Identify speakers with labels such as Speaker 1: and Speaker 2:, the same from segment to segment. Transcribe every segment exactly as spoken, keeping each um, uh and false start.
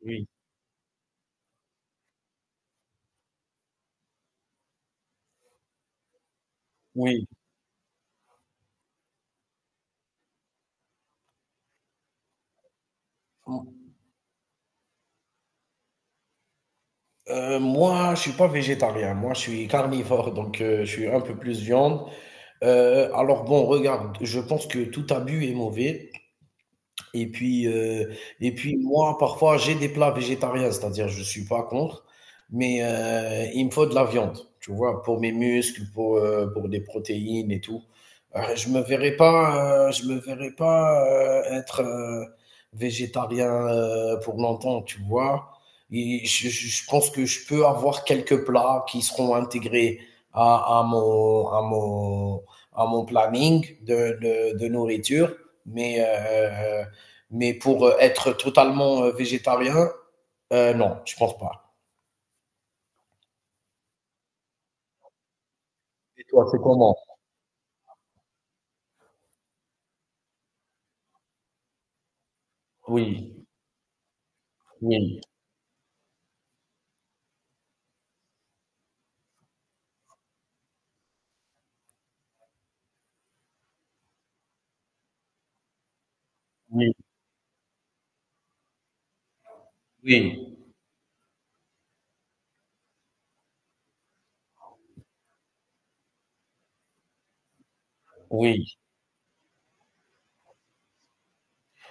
Speaker 1: Oui, oui. M moi, je suis pas végétarien. Moi, je suis carnivore, donc heu, je suis un peu plus viande. Heu, alors bon, regarde, je pense que tout abus est mauvais. Et puis, heu et puis moi, parfois, j'ai des plats végétariens, c'est-à-dire je suis pas contre, mais heu, il me faut de la viande, tu vois? Pour mes muscles, pour, heu, pour des protéines et tout. Heu, je me verrais pas, heu, je me verrais pas, heu, être, heu, végétarien, heu, pour longtemps, tu vois? Et je je je pense que je peux avoir quelques plats qui seront intégrés à à mon à mon à mon planning de de de nourriture, mais heu mais pour euh, être totalement euh, végétarien, euh, non, je pense pas. Et toi, c'est comment? Oui, oui, oui, oui, oui.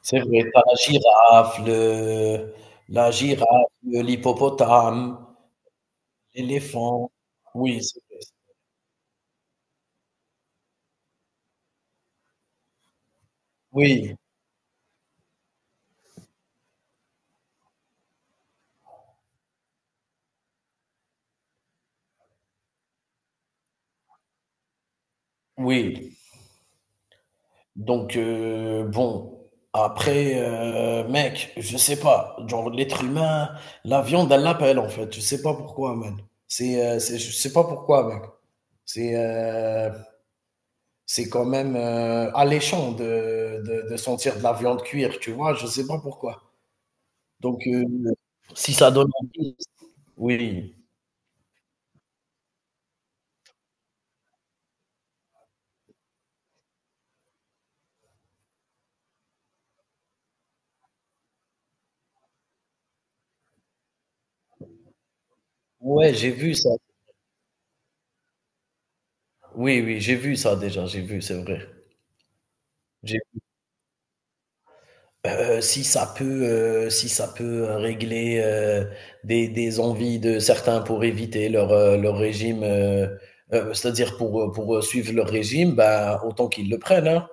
Speaker 1: C'est vrai, t'as la girafe, le, la girafe, le- l'hippopotame, l'éléphant. Oui, c'est vrai. Oui, oui. Donc, euh, bon, après, euh, mec, je sais pas. Genre, l'être humain, la viande, elle l'appelle, en fait. Je sais pas pourquoi, man. C'est, euh, c'est, je sais pas pourquoi, mec. C'est, euh, C'est quand même euh, alléchant de, de, de sentir de la viande cuire, tu vois? Je sais pas pourquoi. Donc, heu, si ça donne envie. Oui. Ouais, j'ai vu ça. Oui, oui, j'ai vu ça déjà, j'ai vu, c'est vrai. J'ai heu, si ça peut, heu, si ça peut, heu, régler, heu, des des envies de certains pour éviter leur, heu, leur régime, heu heu, c'est-à-dire pour, heu, pour, heu, suivre leur régime, bah, autant qu'ils le prennent, hein.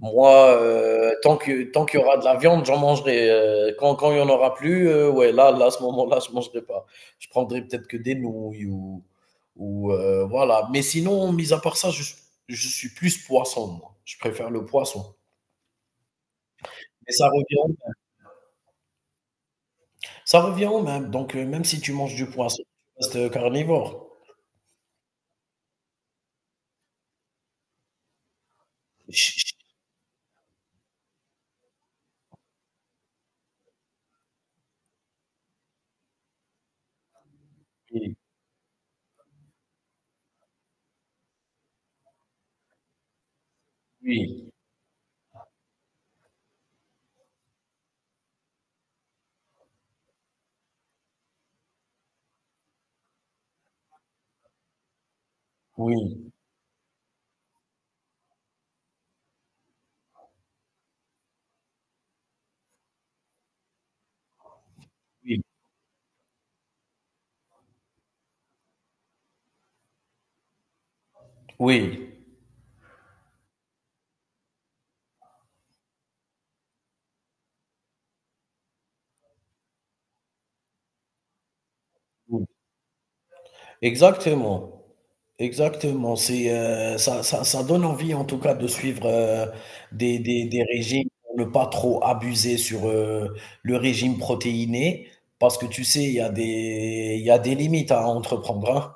Speaker 1: Moi, heu, tant que tant qu'il y aura de la viande, j'en mangerai, heu, quand quand il y en aura plus, heu, ouais, là là, à ce moment-là, je ne mangerai pas. Je prendrai peut-être que des nouilles ou ou heu, voilà. Mais sinon, mis à part ça, je je suis plus poisson, moi. Je préfère le poisson. Mais ça revient ça revient au même. Donc heu, même si tu manges du poisson, tu restes, euh, carnivore. Ch ch Oui, oui, oui, oui, oui. Exactement. Exactement. C'est, heu, ça ça ça donne envie en tout cas de suivre, heu, des des des régimes pour ne pas trop abuser sur, heu, le régime protéiné. Parce que tu sais, il y a des il y a des limites à entreprendre, hein.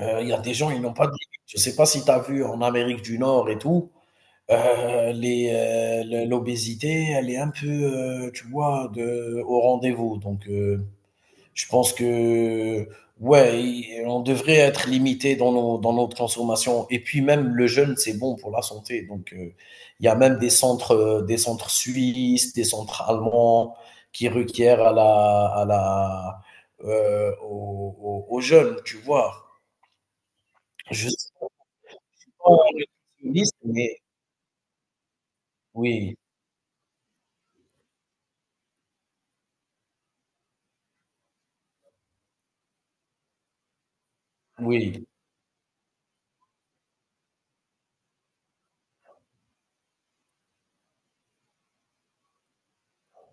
Speaker 1: Heu, il y a des gens, ils n'ont pas de limites. Je ne sais pas si tu as vu en Amérique du Nord et tout, heu, les, heu, le l'obésité, elle est un peu, heu, tu vois, de au rendez-vous, donc heu je pense que ouais, il- on devrait être limité dans nos, dans notre consommation. Et puis même le jeûne, c'est bon pour la santé. Donc euh, il y a même des centres, euh, des centres suisses, des centres allemands qui requièrent à la, à la, euh, au, au, au jeûne, tu vois. Je sais pas nutritionniste, mais oui, oui,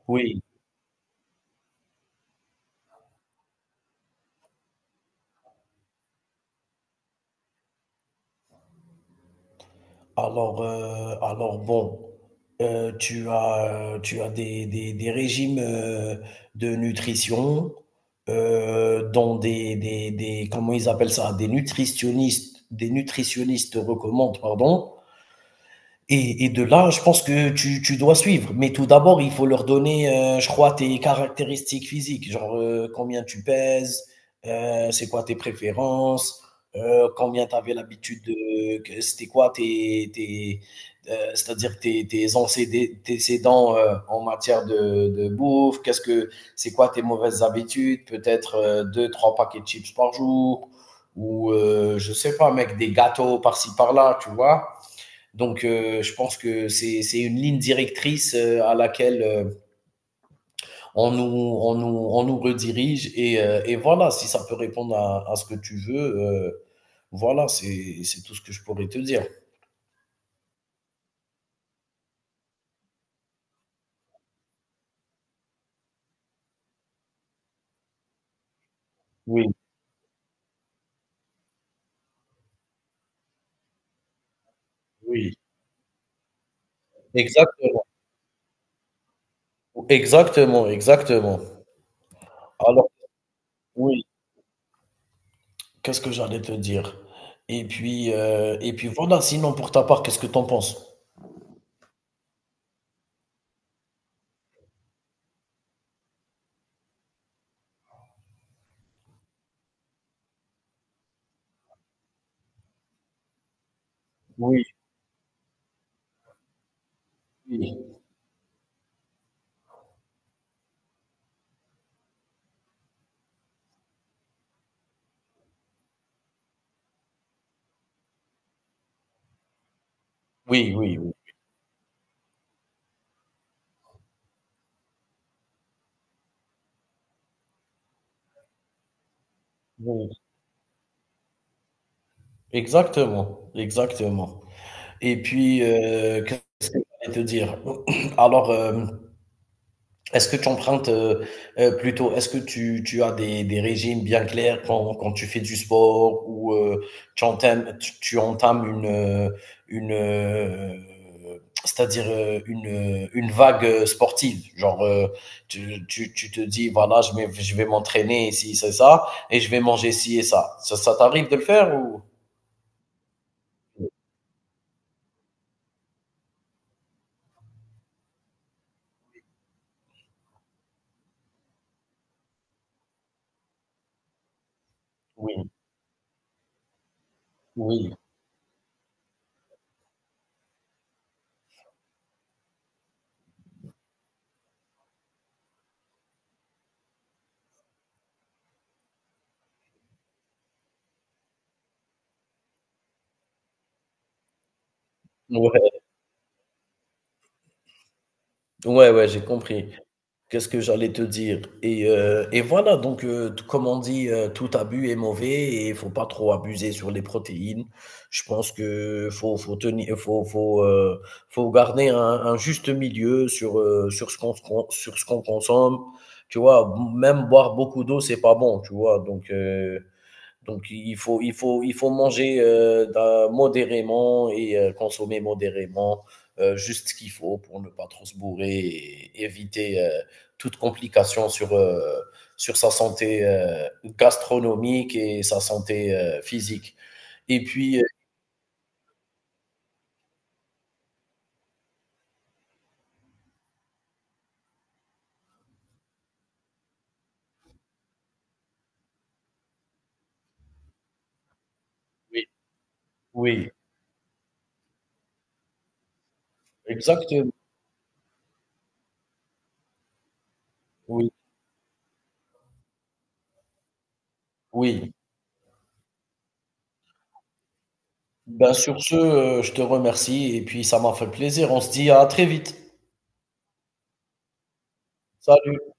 Speaker 1: oui. Alors, euh, alors, bon, euh, tu as, euh, tu as des, des, des régimes euh, de nutrition, euh, dont des, des, des, comment ils appellent ça, des nutritionnistes, des nutritionnistes recommandent, pardon, et, et de là, je pense que tu, tu dois suivre. Mais tout d'abord, il faut leur donner, euh, je crois, tes caractéristiques physiques. Genre, euh, combien tu pèses, euh, c'est quoi tes préférences, euh, combien tu avais l'habitude de. que- C'était quoi tes. tes euh, c'est-à-dire tes, tes ancédé- antécédents euh, en matière de, de bouffe, qu'est-ce que c'est quoi tes mauvaises habitudes, peut-être euh, deux, trois paquets de chips par jour, ou euh, je sais pas, mec, des gâteaux par-ci par-là, tu vois. Donc, euh, je pense que c'est c'est une ligne directrice euh, à laquelle euh, on nous, on nous, on nous redirige. Et, euh, et voilà, si ça peut répondre à, à ce que tu veux, euh, voilà, c'est c'est tout ce que je pourrais te dire. Oui, oui, exactement, exactement, exactement. Alors, oui, qu'est-ce que j'allais te dire? Et puis, euh, et puis voilà, sinon pour ta part, qu'est-ce que t'en penses? Oui, oui, oui, oui, oui. Oui. Exactement, exactement. Et puis, euh, Et te dire. Alors, euh, est-ce que tu empruntes euh, euh, plutôt, est-ce que tu, tu as des, des régimes bien clairs quand, quand tu fais du sport ou euh, tu entames, tu, tu entames une, euh, une euh, c'est-à-dire euh, une, euh, une vague euh, sportive. Genre, euh, tu, tu, tu te dis, voilà, je vais, je vais m'entraîner ici, c'est ça, et je vais manger ci et ça. Ça, ça t'arrive de le faire ou? Oui, oui. Ouais, ouais, ouais, j'ai compris. Qu'est-ce que j'allais te dire? Et, euh, et voilà, donc euh, t- comme on dit, euh, tout abus est mauvais et il faut pas trop abuser sur les protéines. Je pense que faut faut tenir, faut faut euh, faut garder un, un juste milieu sur euh, sur ce qu'on qu'on- sur ce qu'on consomme. Tu vois, même boire beaucoup d'eau, c'est pas bon. Tu vois, donc euh, donc il faut, il faut, il faut manger euh, modérément et euh, consommer modérément euh, juste ce qu'il faut pour ne pas trop se bourrer et éviter euh, toute complication sur, euh, sur sa santé euh, gastronomique et sa santé euh, physique. Et puis, euh, oui, oui, exactement. Oui, oui. Ben, sur ce, euh, je te remercie et puis ça m'a fait plaisir. On se dit à très vite. Salut.